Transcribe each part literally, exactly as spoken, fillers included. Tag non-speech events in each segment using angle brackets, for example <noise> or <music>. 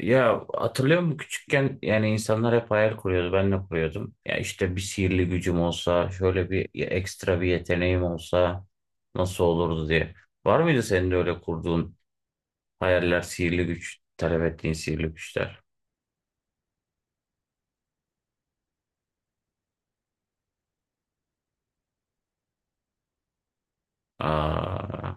Ya hatırlıyor musun küçükken yani insanlar hep hayal kuruyordu ben de kuruyordum. Ya işte bir sihirli gücüm olsa şöyle bir ekstra bir yeteneğim olsa nasıl olurdu diye. Var mıydı senin de öyle kurduğun hayaller, sihirli güç talep ettiğin sihirli güçler? Aa.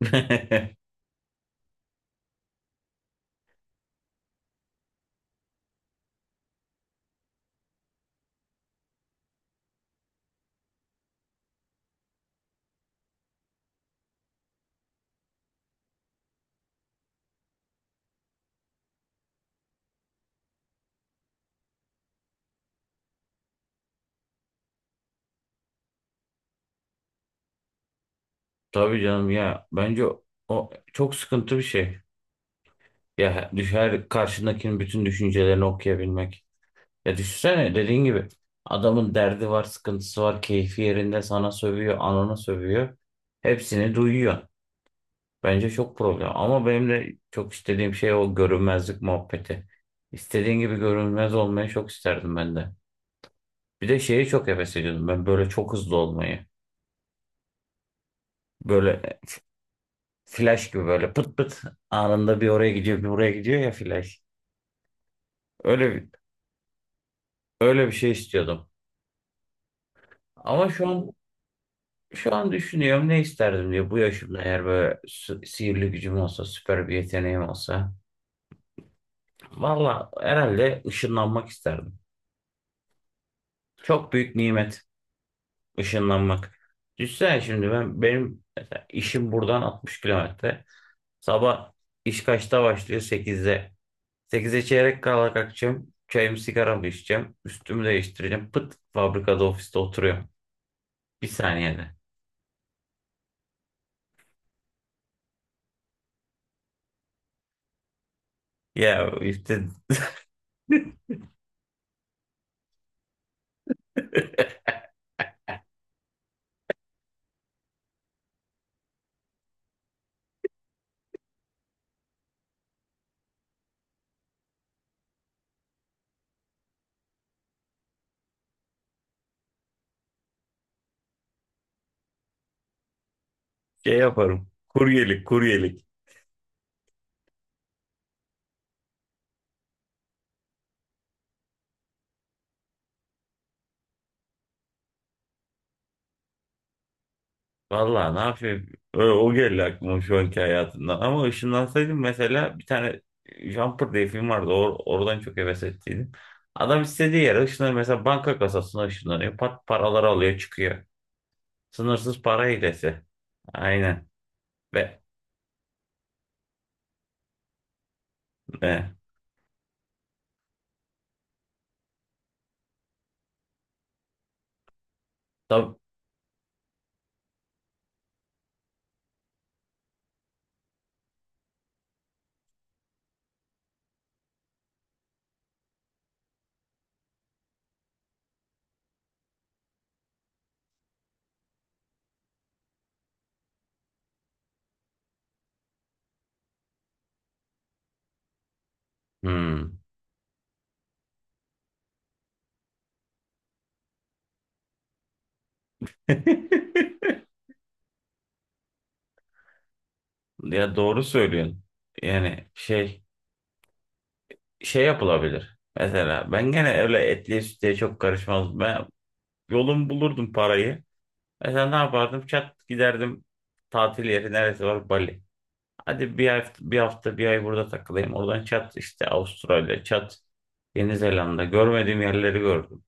<laughs> Tabii canım ya, bence o çok sıkıntı bir şey. Ya düşer karşındakinin bütün düşüncelerini okuyabilmek. Ya düşünsene, dediğin gibi adamın derdi var, sıkıntısı var, keyfi yerinde sana sövüyor, anana sövüyor. Hepsini duyuyor. Bence çok problem. Ama benim de çok istediğim şey o görünmezlik muhabbeti. İstediğin gibi görünmez olmayı çok isterdim ben de. Bir de şeyi çok heves ediyordum, ben böyle çok hızlı olmayı. Böyle flash gibi, böyle pıt pıt anında bir oraya gidiyor bir buraya gidiyor, ya flash. Öyle bir, öyle bir şey istiyordum. Ama şu an, şu an düşünüyorum ne isterdim diye bu yaşımda, eğer böyle sü- sihirli gücüm olsa, süper bir yeteneğim olsa. Valla herhalde ışınlanmak isterdim. Çok büyük nimet ışınlanmak. Düşünsene şimdi, ben benim mesela işim buradan altmış kilometre. Sabah iş kaçta başlıyor? sekizde. Sekize çeyrek kala kalkacağım. Çayımı sigaramı içeceğim. Üstümü değiştireceğim. Pıt, fabrikada ofiste oturuyorum. Bir saniyede. Ya işte <laughs> şey yaparım. Kuryelik, kuryelik. Vallahi ne yapayım? Ö- O geldi aklıma şu anki hayatımda. Ama ışınlansaydım mesela, bir tane Jumper diye film vardı. Or- oradan çok heves ettiydim. Adam istediği yere ışınlanıyor. Mesela banka kasasına ışınlanıyor. Pat, paraları alıyor çıkıyor. Sınırsız para hilesi. Aynen. Ve, ve tab hmm. <laughs> Ya doğru söylüyorsun. Yani şey şey yapılabilir. Mesela ben gene öyle etliye sütlüye çok karışmaz. Ben yolum bulurdum parayı. Mesela ne yapardım? Çat giderdim, tatil yeri neresi var? Bali. Hadi bir hafta, bir hafta, bir ay burada takılayım. Oradan çat işte Avustralya, çat Yeni Zelanda. Görmediğim yerleri gördüm.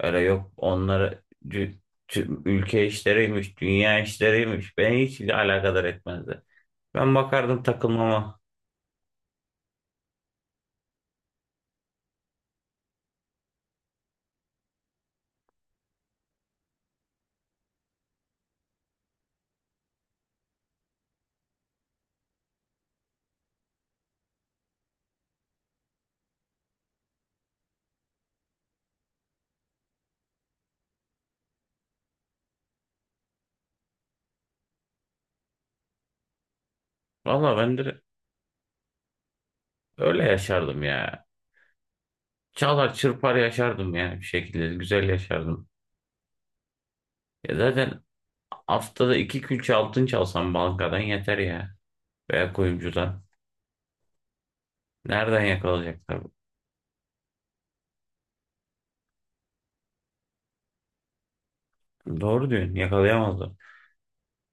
Öyle yok, onları cü- cü- ülke işleriymiş, dünya işleriymiş. Beni hiç alakadar etmezdi. Ben bakardım takılmama. Valla ben de öyle yaşardım ya. Çalar çırpar yaşardım yani, bir şekilde. Güzel yaşardım. Ya zaten haftada iki külçe altın çalsam bankadan yeter ya. Veya kuyumcudan. Nereden yakalayacaklar? Doğru diyorsun. Yakalayamazlar.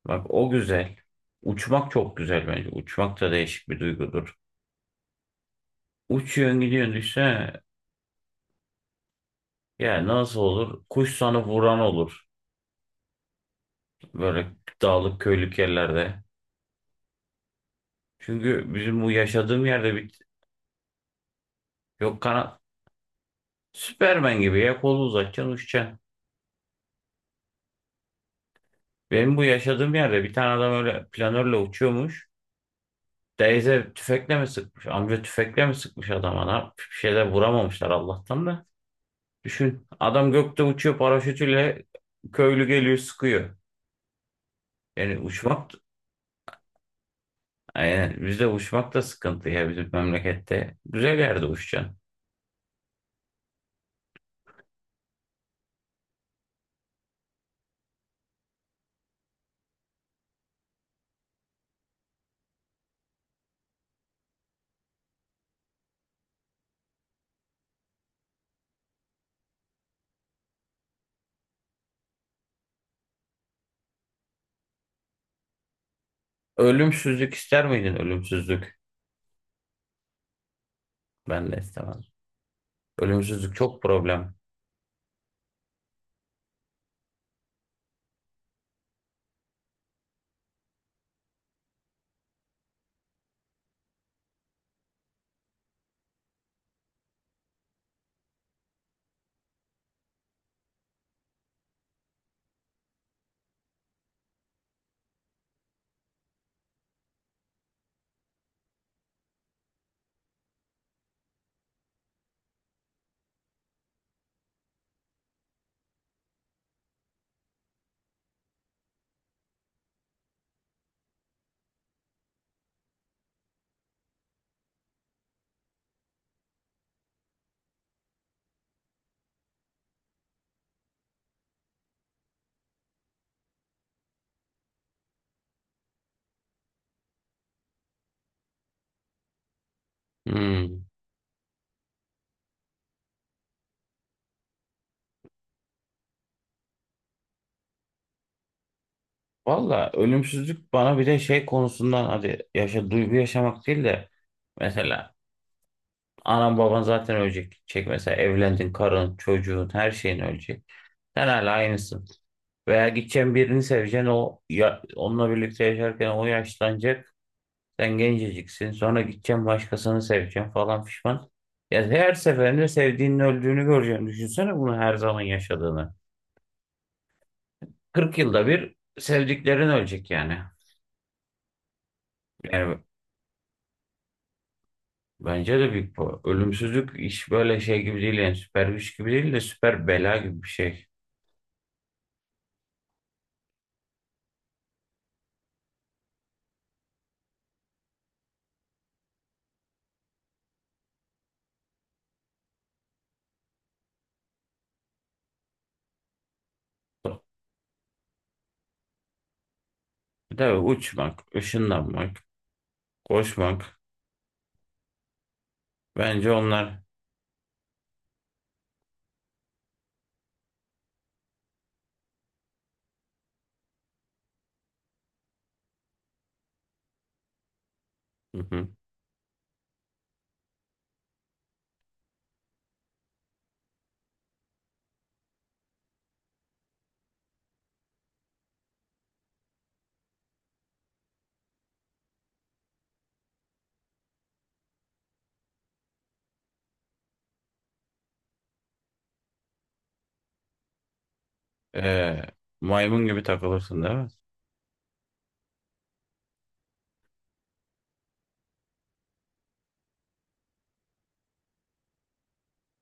Bak o güzel. Uçmak çok güzel bence. Uçmak da değişik bir duygudur. Uçuyorsun gidiyorsun, düşsene. Ya nasıl olur? Kuş sana vuran olur. Böyle dağlık köylük yerlerde. Çünkü bizim bu yaşadığım yerde bir... Yok kanat. Süpermen gibi ya, kolu uzatacaksın uçacaksın. Benim bu yaşadığım yerde bir tane adam öyle planörle uçuyormuş. Teyze tüfekle mi sıkmış? Amca tüfekle mi sıkmış adama? Ne yapmış? Bir şeyler vuramamışlar Allah'tan da. Düşün, adam gökte uçuyor paraşütüyle, köylü geliyor sıkıyor. Yani uçmak, yani bizde uçmak da sıkıntı ya, bizim memlekette. Güzel yerde uçacaksın. Ölümsüzlük ister miydin, ölümsüzlük? Ben de istemezdim. Ölümsüzlük çok problem. Hmm. Valla ölümsüzlük bana bir de şey konusundan, hadi yaşa duygu yaşamak değil de, mesela anan baban zaten ölecek. Çek mesela, evlendin, karın çocuğun her şeyin ölecek. Sen hala aynısın. Veya gideceğin birini seveceksin o ya, onunla birlikte yaşarken o yaşlanacak. Sen genceciksin. Sonra gideceğim, başkasını seveceksin falan, pişman. Ya her seferinde sevdiğinin öldüğünü göreceksin. Düşünsene bunu her zaman yaşadığını. kırk yılda bir sevdiklerin ölecek yani. Yani bence de büyük bu. Ölümsüzlük iş böyle şey gibi değil, yani süper güç gibi değil de süper bela gibi bir şey. Bir de uçmak, ışınlanmak, koşmak. Bence onlar. Hı hı. Ee, maymun gibi takılırsın değil mi?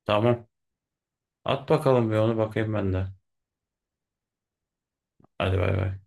Tamam. At bakalım, bir onu bakayım ben de. Hadi bay bay.